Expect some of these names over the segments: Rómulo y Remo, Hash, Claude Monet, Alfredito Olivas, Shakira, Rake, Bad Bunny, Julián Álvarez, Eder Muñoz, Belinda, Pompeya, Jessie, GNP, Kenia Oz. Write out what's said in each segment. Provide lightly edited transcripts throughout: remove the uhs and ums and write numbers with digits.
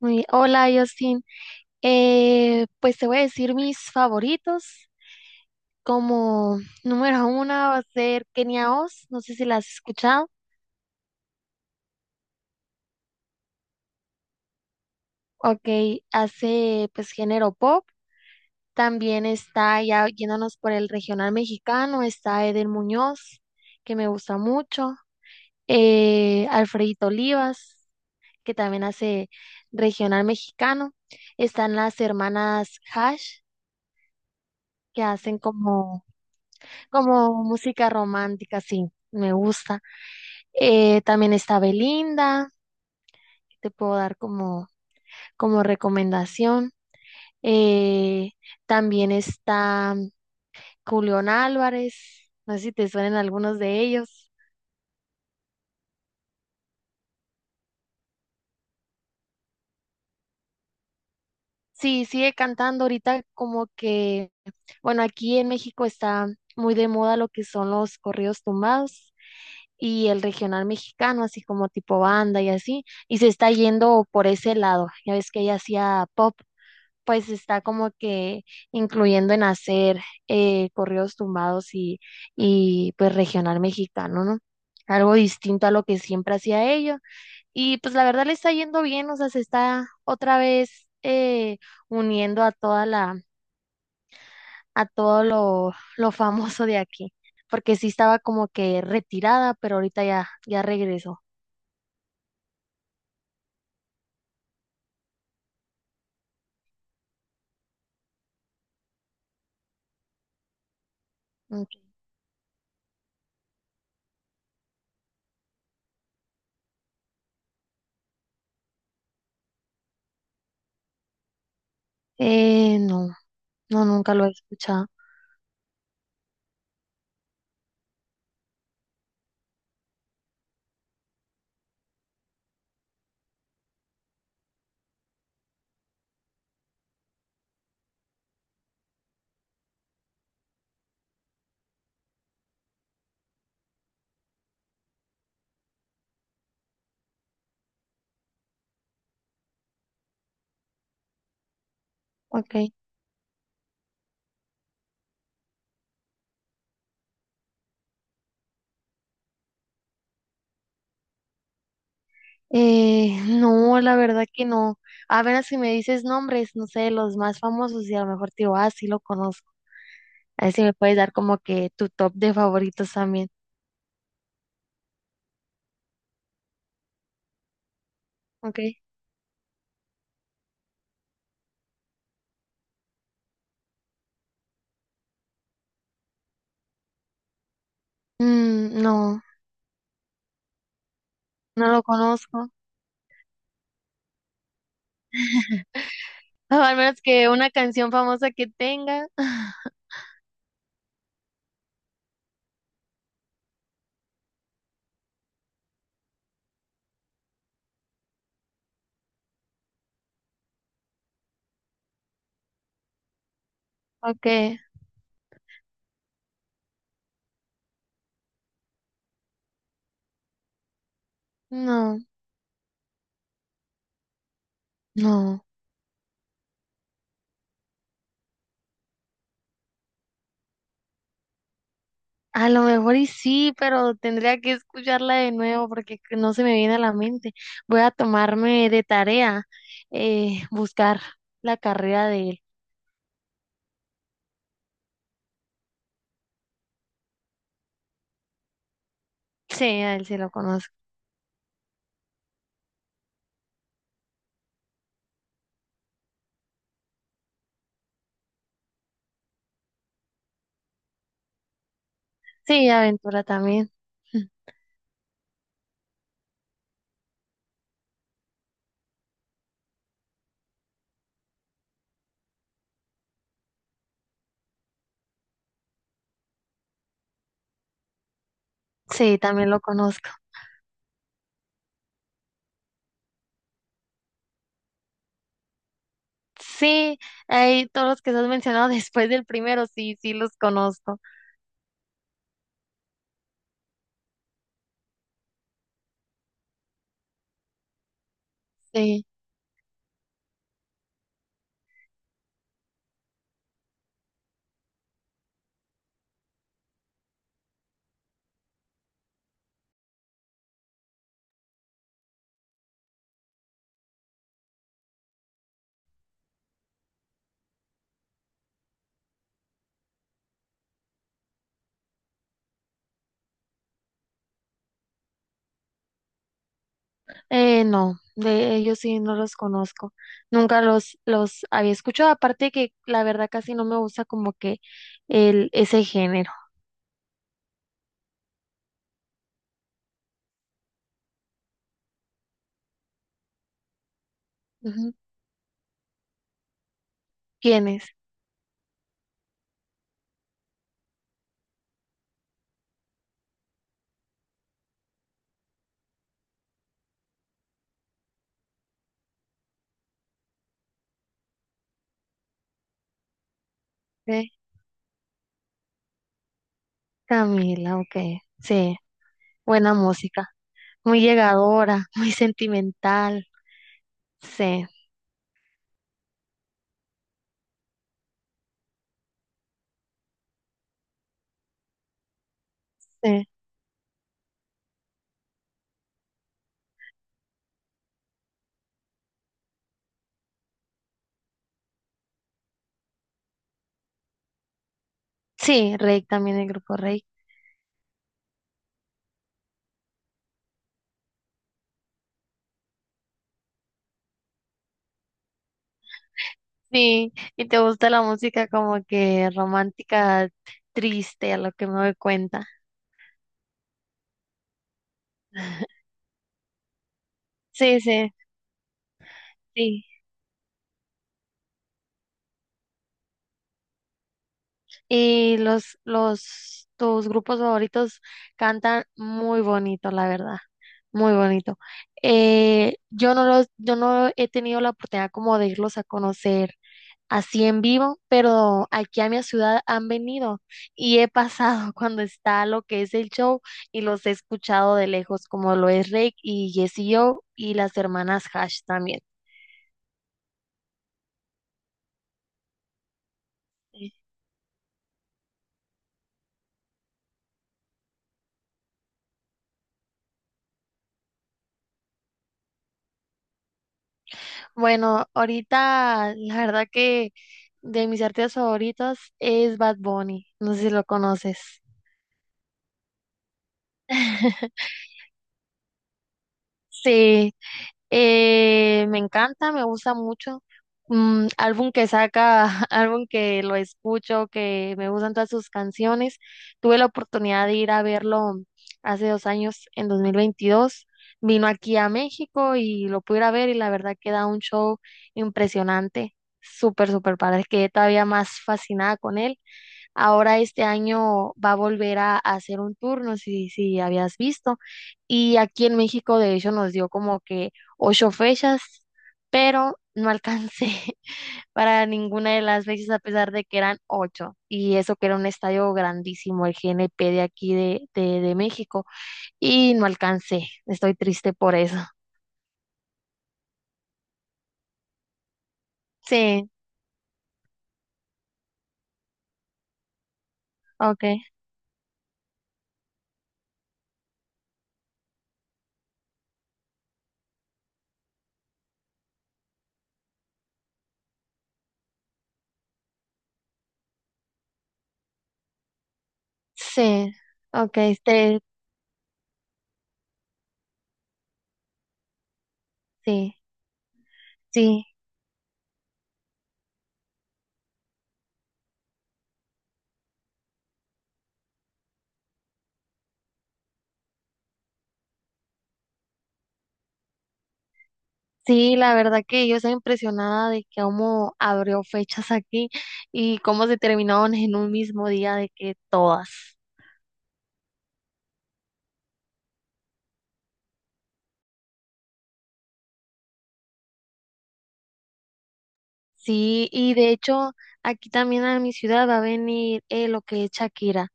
Muy bien. Hola, Justin. Pues te voy a decir mis favoritos. Como número uno va a ser Kenia Oz. No sé si la has escuchado. Ok, hace pues género pop. También está ya yéndonos por el regional mexicano. Está Eder Muñoz, que me gusta mucho. Alfredito Olivas, que también hace regional mexicano. Están las hermanas Hash, que hacen como. Como música romántica, sí, me gusta. También está Belinda, te puedo dar como recomendación. Eh, También está Julián Álvarez, no sé si te suenan algunos de ellos. Sí, sigue cantando ahorita como que, bueno, aquí en México está muy de moda lo que son los corridos tumbados y el regional mexicano, así como tipo banda y así, y se está yendo por ese lado. Ya ves que ella hacía pop, pues está como que incluyendo en hacer corridos tumbados y pues regional mexicano, ¿no? Algo distinto a lo que siempre hacía ellos. Y pues la verdad le está yendo bien, o sea, se está otra vez uniendo a toda la, a todo lo famoso de aquí, porque sí estaba como que retirada, pero ahorita ya, ya regresó. Ok. No, no, nunca lo he escuchado. Ok. No, la verdad que no. A ver si me dices nombres, no sé, los más famosos y a lo mejor te digo, ah, sí lo conozco. A ver si me puedes dar como que tu top de favoritos también. Ok. Mm, no, no lo conozco. Ah, al menos que una canción famosa que tenga. Ok. No, no. A lo mejor y sí, pero tendría que escucharla de nuevo porque que no se me viene a la mente. Voy a tomarme de tarea buscar la carrera de él. Sí, a él sí lo conozco. Sí, a Ventura también. Sí, también lo conozco. Sí, ahí todos los que has mencionado después del primero, sí, sí los conozco. Sí, no, de ellos sí no los conozco. Nunca los había escuchado, aparte que la verdad casi no me gusta como que el, ese género. Ujú. ¿Quién es? Sí, Camila, ok. Sí, buena música, muy llegadora, muy sentimental. Sí, sí. Sí, Rey también, el grupo Rey. Sí, y te gusta la música como que romántica, triste, a lo que me doy cuenta. Sí, sí, sí. Y tus grupos favoritos cantan muy bonito, la verdad, muy bonito. Yo no los, yo no he tenido la oportunidad como de irlos a conocer Así en vivo, pero aquí a mi ciudad han venido y he pasado cuando está lo que es el show y los he escuchado de lejos, como lo es Rake y Jessie o y las hermanas Hash también. Bueno, ahorita la verdad que de mis artistas favoritos es Bad Bunny, no sé si lo conoces. Sí. Me encanta, me gusta mucho. Álbum que saca, álbum que lo escucho, que me gustan todas sus canciones. Tuve la oportunidad de ir a verlo hace 2 años, en 2022. Vino aquí a México y lo pude ir a ver y la verdad que da un show impresionante, súper, súper padre. Quedé todavía más fascinada con él. Ahora este año va a volver a hacer un turno, si habías visto. Y aquí en México, de hecho, nos dio como que ocho fechas, pero no alcancé para ninguna de las fechas a pesar de que eran ocho. Y eso que era un estadio grandísimo, el GNP de aquí de México. Y no alcancé. Estoy triste por eso. Sí, ok. Sí, ok. Este, sí, sí. Sí, la verdad que yo estoy impresionada de que cómo abrió fechas aquí y cómo se terminaron en un mismo día de que todas. Sí, y de hecho aquí también a mi ciudad va a venir lo que es Shakira.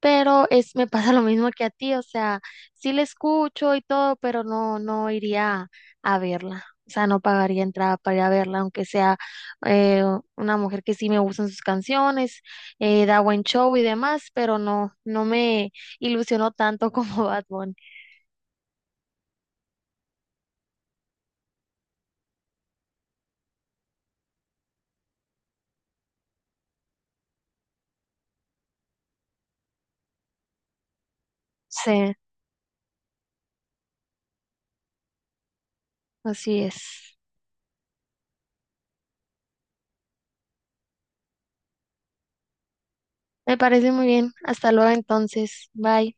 Pero es, me pasa lo mismo que a ti, o sea, sí la escucho y todo, pero no, no iría a verla. O sea, no pagaría entrada para ir a verla, aunque sea eh, una mujer que sí me gustan sus canciones, da buen show y demás, pero no, no me ilusionó tanto como Bad Bunny. Sí, así es. Me parece muy bien. Hasta luego entonces. Bye.